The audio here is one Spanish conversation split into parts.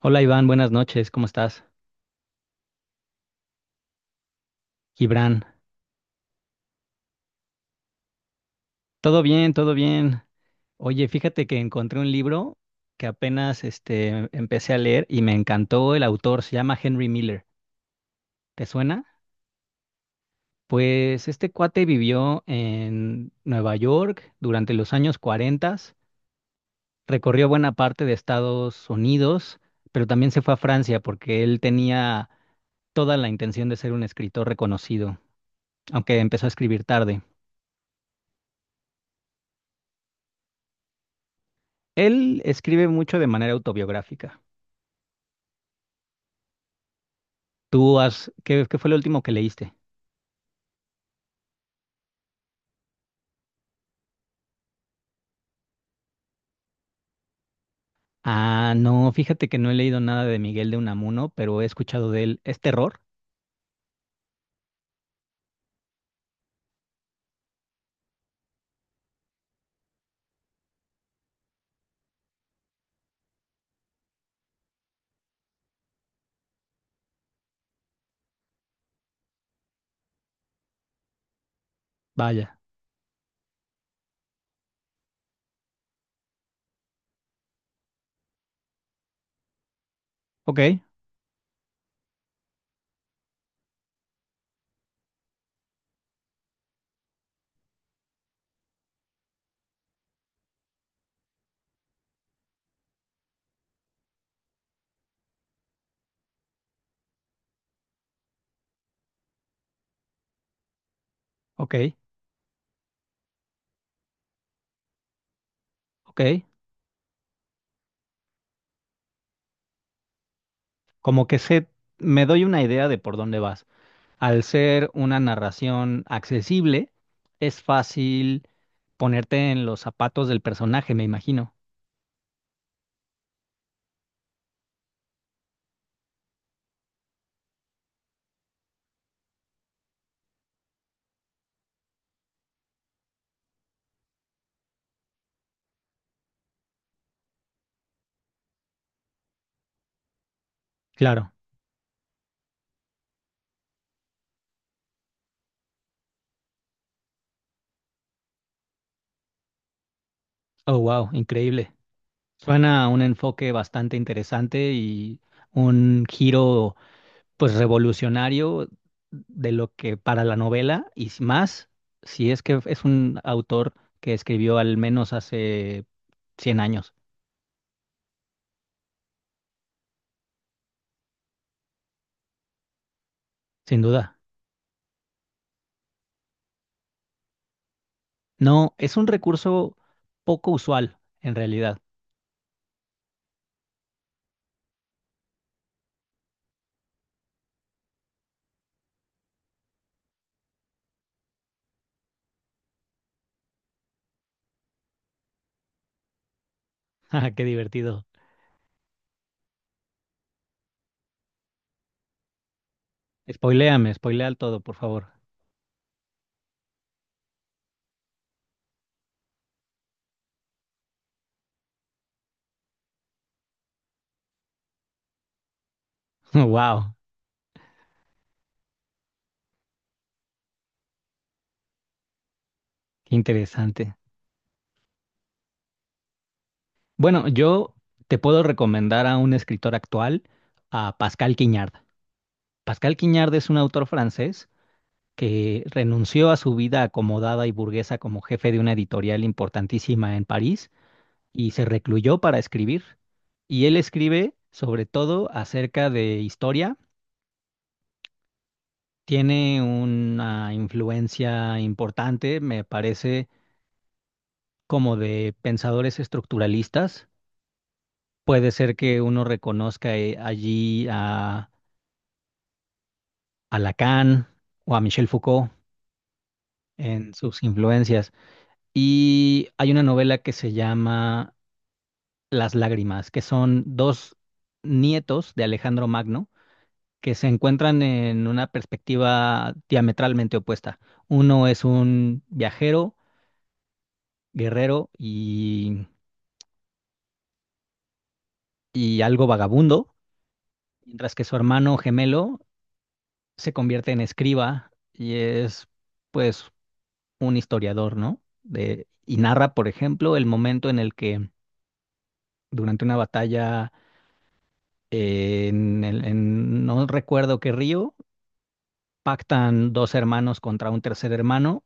Hola Iván, buenas noches, ¿cómo estás? Gibran, todo bien, todo bien. Oye, fíjate que encontré un libro que apenas empecé a leer y me encantó el autor, se llama Henry Miller. ¿Te suena? Pues este cuate vivió en Nueva York durante los años 40, recorrió buena parte de Estados Unidos, pero también se fue a Francia porque él tenía toda la intención de ser un escritor reconocido, aunque empezó a escribir tarde. Él escribe mucho de manera autobiográfica. ¿Tú qué fue lo último que leíste? Ah, no, fíjate que no he leído nada de Miguel de Unamuno, pero he escuchado de él. ¿Es terror? Vaya. Ok, ok, ok. Como que sé, me doy una idea de por dónde vas. Al ser una narración accesible, es fácil ponerte en los zapatos del personaje, me imagino. Claro. Oh, wow, increíble. Suena a un enfoque bastante interesante y un giro, pues revolucionario de lo que para la novela y más, si es que es un autor que escribió al menos hace 100 años, sin duda. No, es un recurso poco usual en realidad. Ah, qué divertido. Spoiléame, spoilea todo, por favor. Wow, qué interesante. Bueno, yo te puedo recomendar a un escritor actual, a Pascal Quignard. Pascal Quignard es un autor francés que renunció a su vida acomodada y burguesa como jefe de una editorial importantísima en París y se recluyó para escribir. Y él escribe sobre todo acerca de historia. Tiene una influencia importante, me parece, como de pensadores estructuralistas. Puede ser que uno reconozca allí a Lacan o a Michel Foucault en sus influencias. Y hay una novela que se llama Las Lágrimas, que son dos nietos de Alejandro Magno que se encuentran en una perspectiva diametralmente opuesta. Uno es un viajero, guerrero y algo vagabundo, mientras que su hermano gemelo se convierte en escriba y es, pues, un historiador, ¿no? De, y narra, por ejemplo, el momento en el que durante una batalla, en no recuerdo qué río, pactan dos hermanos contra un tercer hermano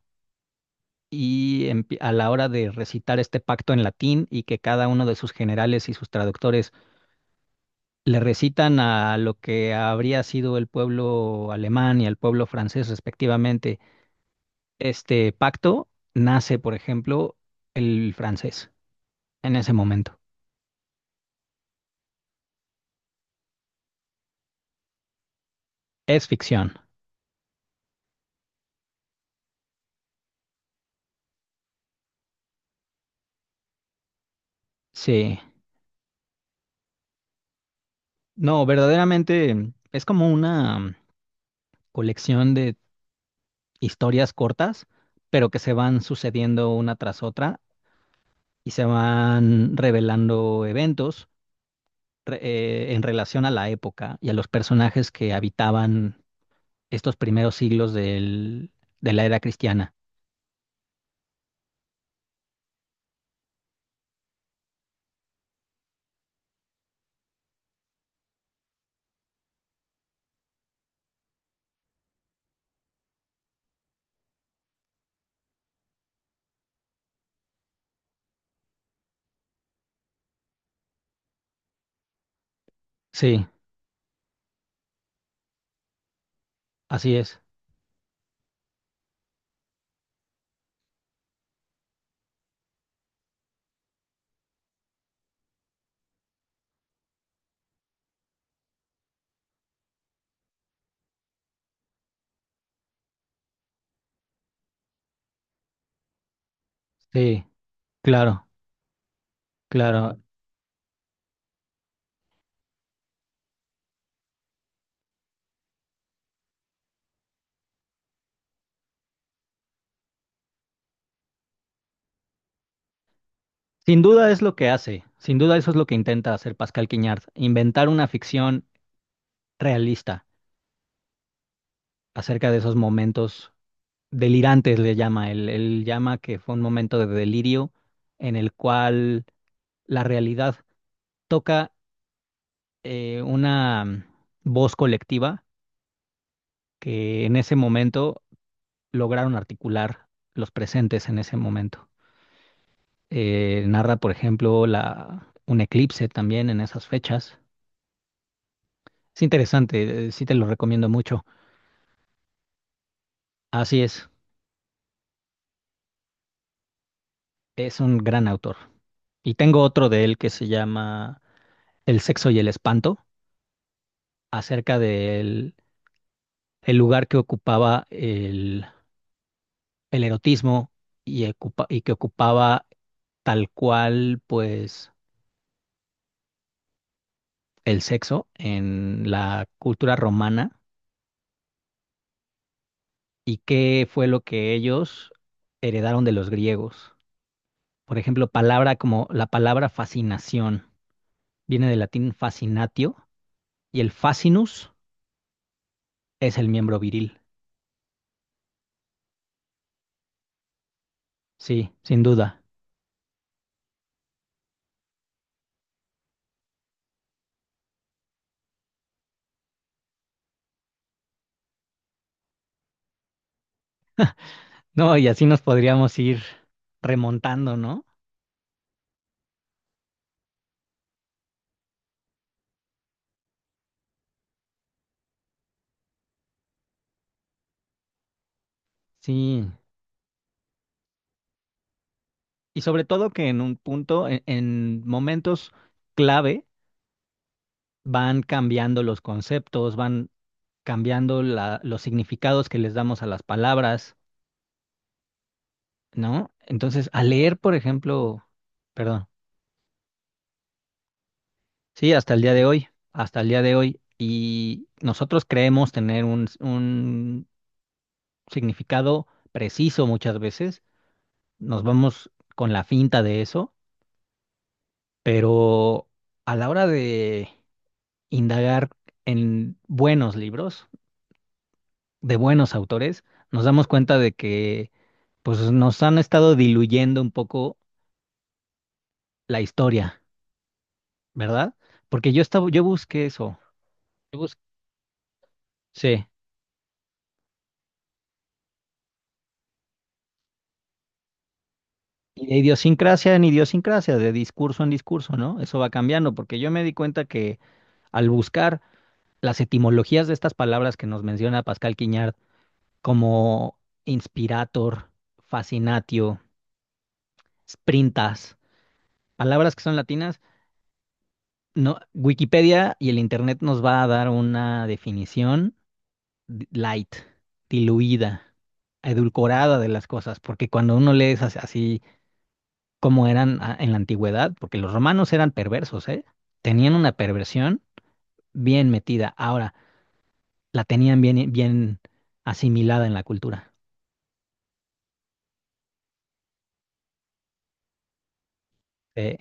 y a la hora de recitar este pacto en latín y que cada uno de sus generales y sus traductores le recitan a lo que habría sido el pueblo alemán y al pueblo francés respectivamente, este pacto nace, por ejemplo, el francés en ese momento. Es ficción, sí. No, verdaderamente es como una colección de historias cortas, pero que se van sucediendo una tras otra y se van revelando eventos, en relación a la época y a los personajes que habitaban estos primeros siglos de la era cristiana. Sí, así es. Sí, claro, claro. Sin duda es lo que hace, sin duda eso es lo que intenta hacer Pascal Quiñard, inventar una ficción realista acerca de esos momentos delirantes, le llama. Él llama que fue un momento de delirio en el cual la realidad toca, una voz colectiva que en ese momento lograron articular los presentes en ese momento. Narra, por ejemplo, un eclipse también en esas fechas. Es interesante, sí te lo recomiendo mucho. Así es un gran autor. Y tengo otro de él que se llama El sexo y el espanto, acerca del el lugar que ocupaba el erotismo y que ocupaba, tal cual, pues, el sexo en la cultura romana y qué fue lo que ellos heredaron de los griegos. Por ejemplo, palabra como la palabra fascinación viene del latín fascinatio y el fascinus es el miembro viril. Sí, sin duda. No, y así nos podríamos ir remontando, ¿no? Sí. Y sobre todo que en un punto, en momentos clave, van cambiando los conceptos, van cambiando los significados que les damos a las palabras, ¿no? Entonces, al leer, por ejemplo, perdón, sí, hasta el día de hoy, hasta el día de hoy, y nosotros creemos tener un significado preciso muchas veces, nos vamos con la finta de eso, pero a la hora de indagar en buenos libros, de buenos autores, nos damos cuenta de que pues nos han estado diluyendo un poco la historia, ¿verdad? Porque yo busqué eso, yo busqué, sí, y de idiosincrasia en idiosincrasia, de discurso en discurso, ¿no? Eso va cambiando, porque yo me di cuenta que al buscar las etimologías de estas palabras que nos menciona Pascal Quiñard, como inspirator, fascinatio, sprintas, palabras que son latinas, no, Wikipedia y el Internet nos va a dar una definición light, diluida, edulcorada de las cosas, porque cuando uno lee así como eran en la antigüedad, porque los romanos eran perversos, ¿eh? Tenían una perversión bien metida, ahora la tenían bien, bien asimilada en la cultura. Eh,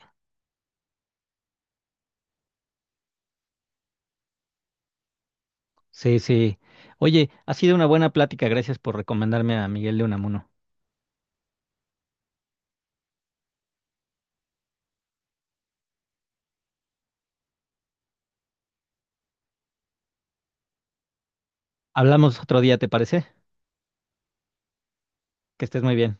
sí, sí. Oye, ha sido una buena plática, gracias por recomendarme a Miguel de Unamuno. Hablamos otro día, ¿te parece? Que estés muy bien.